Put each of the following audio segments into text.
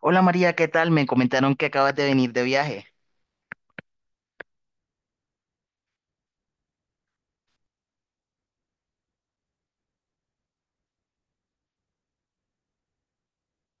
Hola María, ¿qué tal? Me comentaron que acabas de venir de viaje.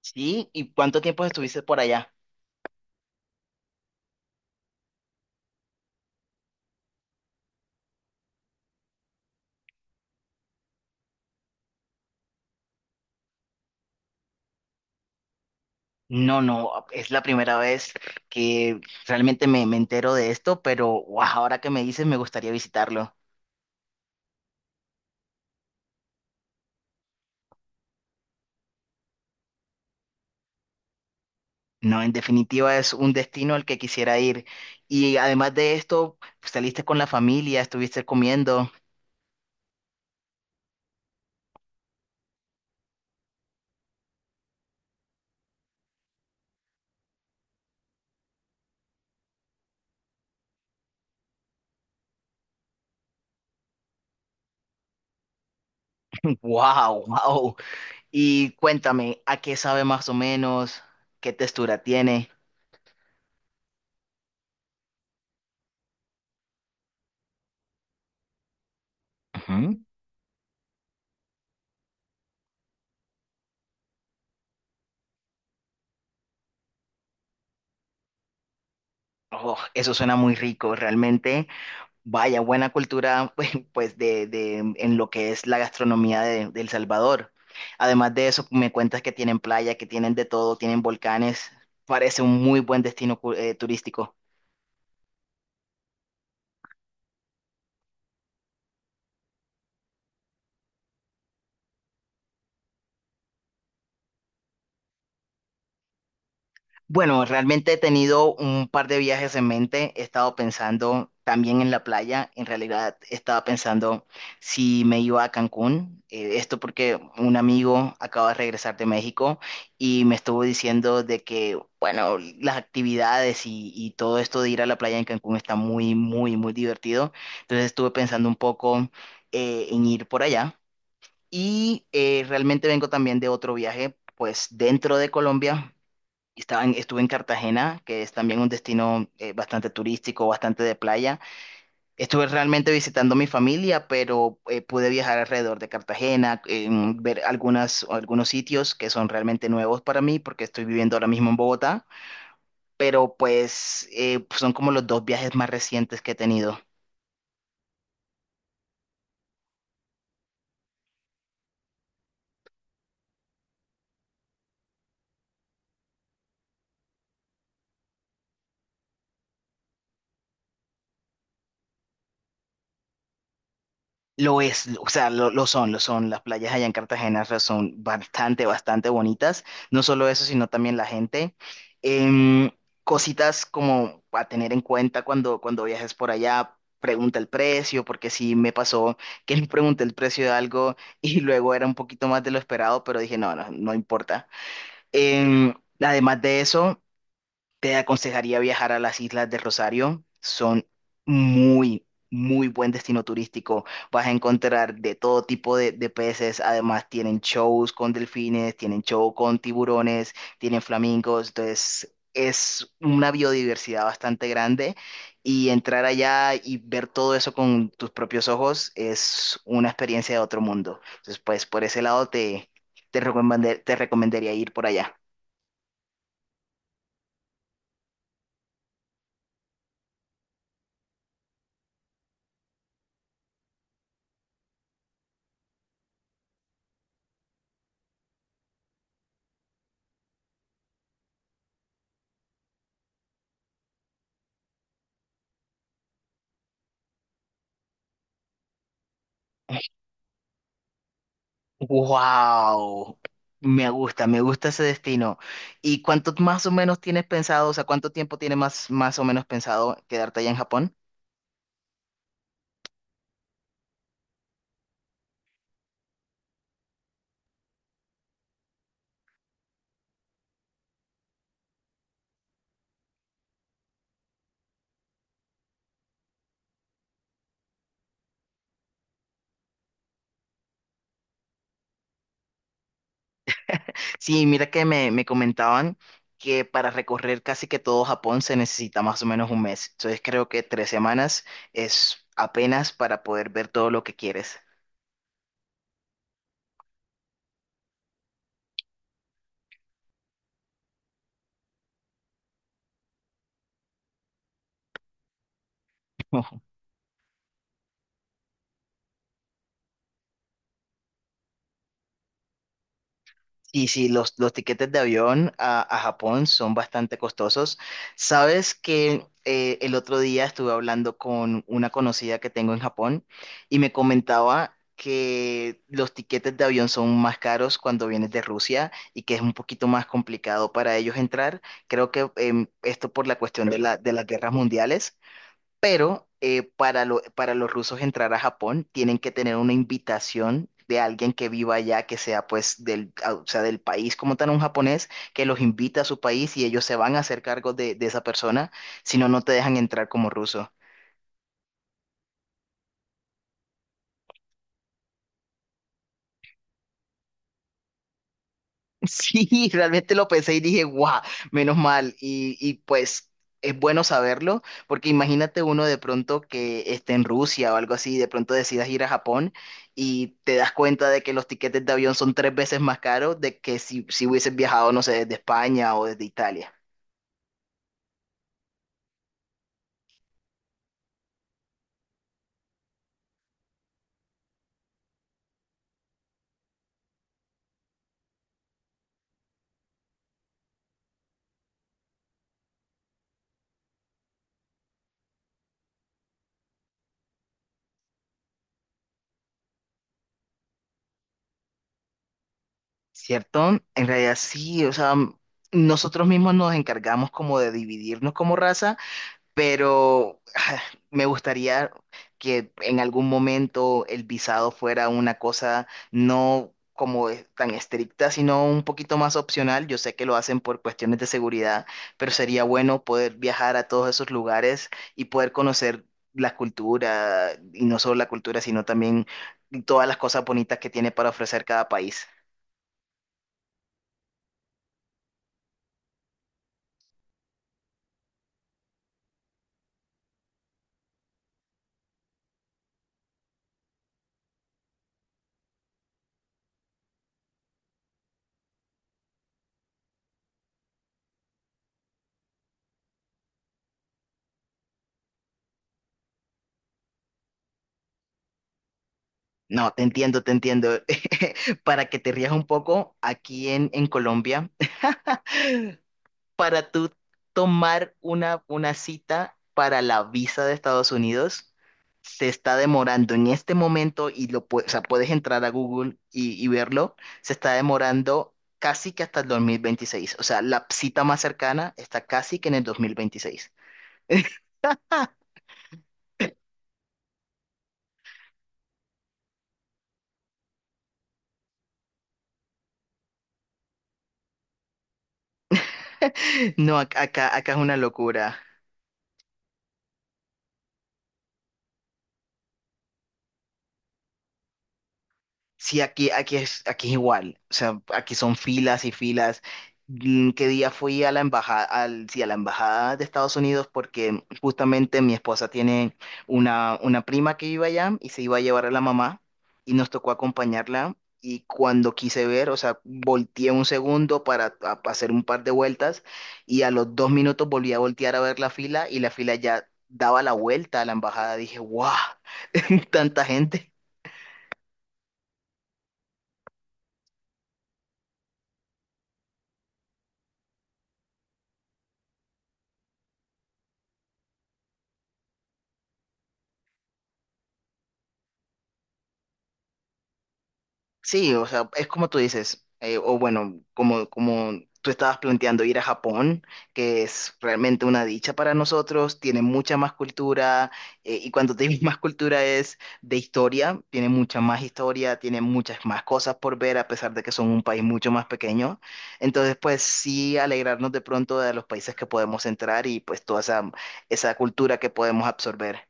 ¿Sí? ¿Y cuánto tiempo estuviste por allá? No, no, es la primera vez que realmente me entero de esto, pero guau, ahora que me dices me gustaría visitarlo. No, en definitiva es un destino al que quisiera ir. Y además de esto, pues, saliste con la familia, estuviste comiendo. Wow, wow. Y cuéntame, ¿a qué sabe más o menos? ¿Qué textura tiene? Ujú. Oh, eso suena muy rico, realmente. Vaya, buena cultura, pues, pues, en lo que es la gastronomía de El Salvador. Además de eso, me cuentas que tienen playa, que tienen de todo, tienen volcanes. Parece un muy buen destino turístico. Bueno, realmente he tenido un par de viajes en mente. He estado pensando también en la playa. En realidad, estaba pensando si me iba a Cancún. Esto porque un amigo acaba de regresar de México y me estuvo diciendo de que, bueno, las actividades y todo esto de ir a la playa en Cancún está muy, muy, muy divertido. Entonces estuve pensando un poco en ir por allá. Y realmente vengo también de otro viaje, pues dentro de Colombia estuve en Cartagena, que es también un destino bastante turístico, bastante de playa. Estuve realmente visitando a mi familia, pero pude viajar alrededor de Cartagena, ver algunos sitios que son realmente nuevos para mí, porque estoy viviendo ahora mismo en Bogotá, pero pues son como los dos viajes más recientes que he tenido. Lo es, o sea, lo son, lo son. Las playas allá en Cartagena son bastante, bastante bonitas. No solo eso, sino también la gente. Em, Cositas como a tener en cuenta cuando viajes por allá, pregunta el precio, porque sí me pasó que no pregunté el precio de algo y luego era un poquito más de lo esperado, pero dije, no, no, no importa. Em, Además de eso, te aconsejaría viajar a las Islas de Rosario. Son muy, muy buen destino turístico. Vas a encontrar de todo tipo de peces. Además, tienen shows con delfines, tienen show con tiburones, tienen flamingos. Entonces, es una biodiversidad bastante grande. Y entrar allá y ver todo eso con tus propios ojos es una experiencia de otro mundo. Entonces, pues por ese lado te recomendaría ir por allá. Wow, me gusta ese destino. ¿Y cuánto más o menos tienes pensado, o sea, cuánto tiempo tienes más, más o menos pensado quedarte allá en Japón? Sí, mira que me comentaban que para recorrer casi que todo Japón se necesita más o menos un mes. Entonces creo que tres semanas es apenas para poder ver todo lo que quieres. Y sí, los tiquetes de avión a Japón son bastante costosos. Sabes que el otro día estuve hablando con una conocida que tengo en Japón y me comentaba que los tiquetes de avión son más caros cuando vienes de Rusia y que es un poquito más complicado para ellos entrar. Creo que esto por la cuestión de de las guerras mundiales, pero para los rusos entrar a Japón tienen que tener una invitación de alguien que viva allá, que sea pues del, ah, o sea, del país como tal, un japonés, que los invita a su país y ellos se van a hacer cargo de esa persona, si no, no te dejan entrar como ruso. Sí, realmente lo pensé y dije, guau, menos mal. Y pues es bueno saberlo, porque imagínate uno de pronto que esté en Rusia o algo así, y de pronto decidas ir a Japón y te das cuenta de que los tiquetes de avión son tres veces más caros de que si, si hubieses viajado, no sé, desde España o desde Italia, ¿cierto? En realidad sí, o sea, nosotros mismos nos encargamos como de dividirnos como raza, pero me gustaría que en algún momento el visado fuera una cosa no tan estricta, sino un poquito más opcional. Yo sé que lo hacen por cuestiones de seguridad, pero sería bueno poder viajar a todos esos lugares y poder conocer la cultura, y no solo la cultura, sino también todas las cosas bonitas que tiene para ofrecer cada país. No, te entiendo, te entiendo. Para que te rías un poco, aquí en Colombia para tú tomar una cita para la visa de Estados Unidos se está demorando en este momento y o sea, puedes entrar a Google y verlo, se está demorando casi que hasta el 2026. O sea, la cita más cercana está casi que en el 2026. No, acá es una locura. Sí, aquí es igual. O sea, aquí son filas y filas. Mm, ¿qué día fui a la embajada, al, sí, a la embajada de Estados Unidos? Porque justamente mi esposa tiene una prima que vive allá y se iba a llevar a la mamá y nos tocó acompañarla. Y cuando quise ver, o sea, volteé un segundo para hacer un par de vueltas y a los dos minutos volví a voltear a ver la fila y la fila ya daba la vuelta a la embajada. Dije, ¡guau! Tanta gente. Sí, o sea, es como tú dices, o bueno, como, como tú estabas planteando ir a Japón, que es realmente una dicha para nosotros, tiene mucha más cultura, y cuando te digo más cultura es de historia, tiene mucha más historia, tiene muchas más cosas por ver, a pesar de que son un país mucho más pequeño. Entonces, pues sí, alegrarnos de pronto de los países que podemos entrar y pues toda esa cultura que podemos absorber.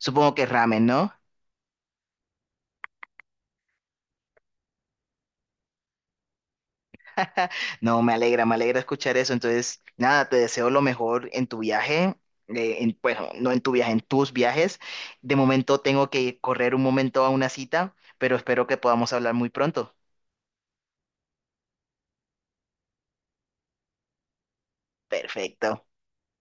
Supongo que ramen, ¿no? No, me alegra escuchar eso. Entonces, nada, te deseo lo mejor en tu viaje. Bueno, no en tu viaje, en tus viajes. De momento tengo que correr un momento a una cita, pero espero que podamos hablar muy pronto. Perfecto.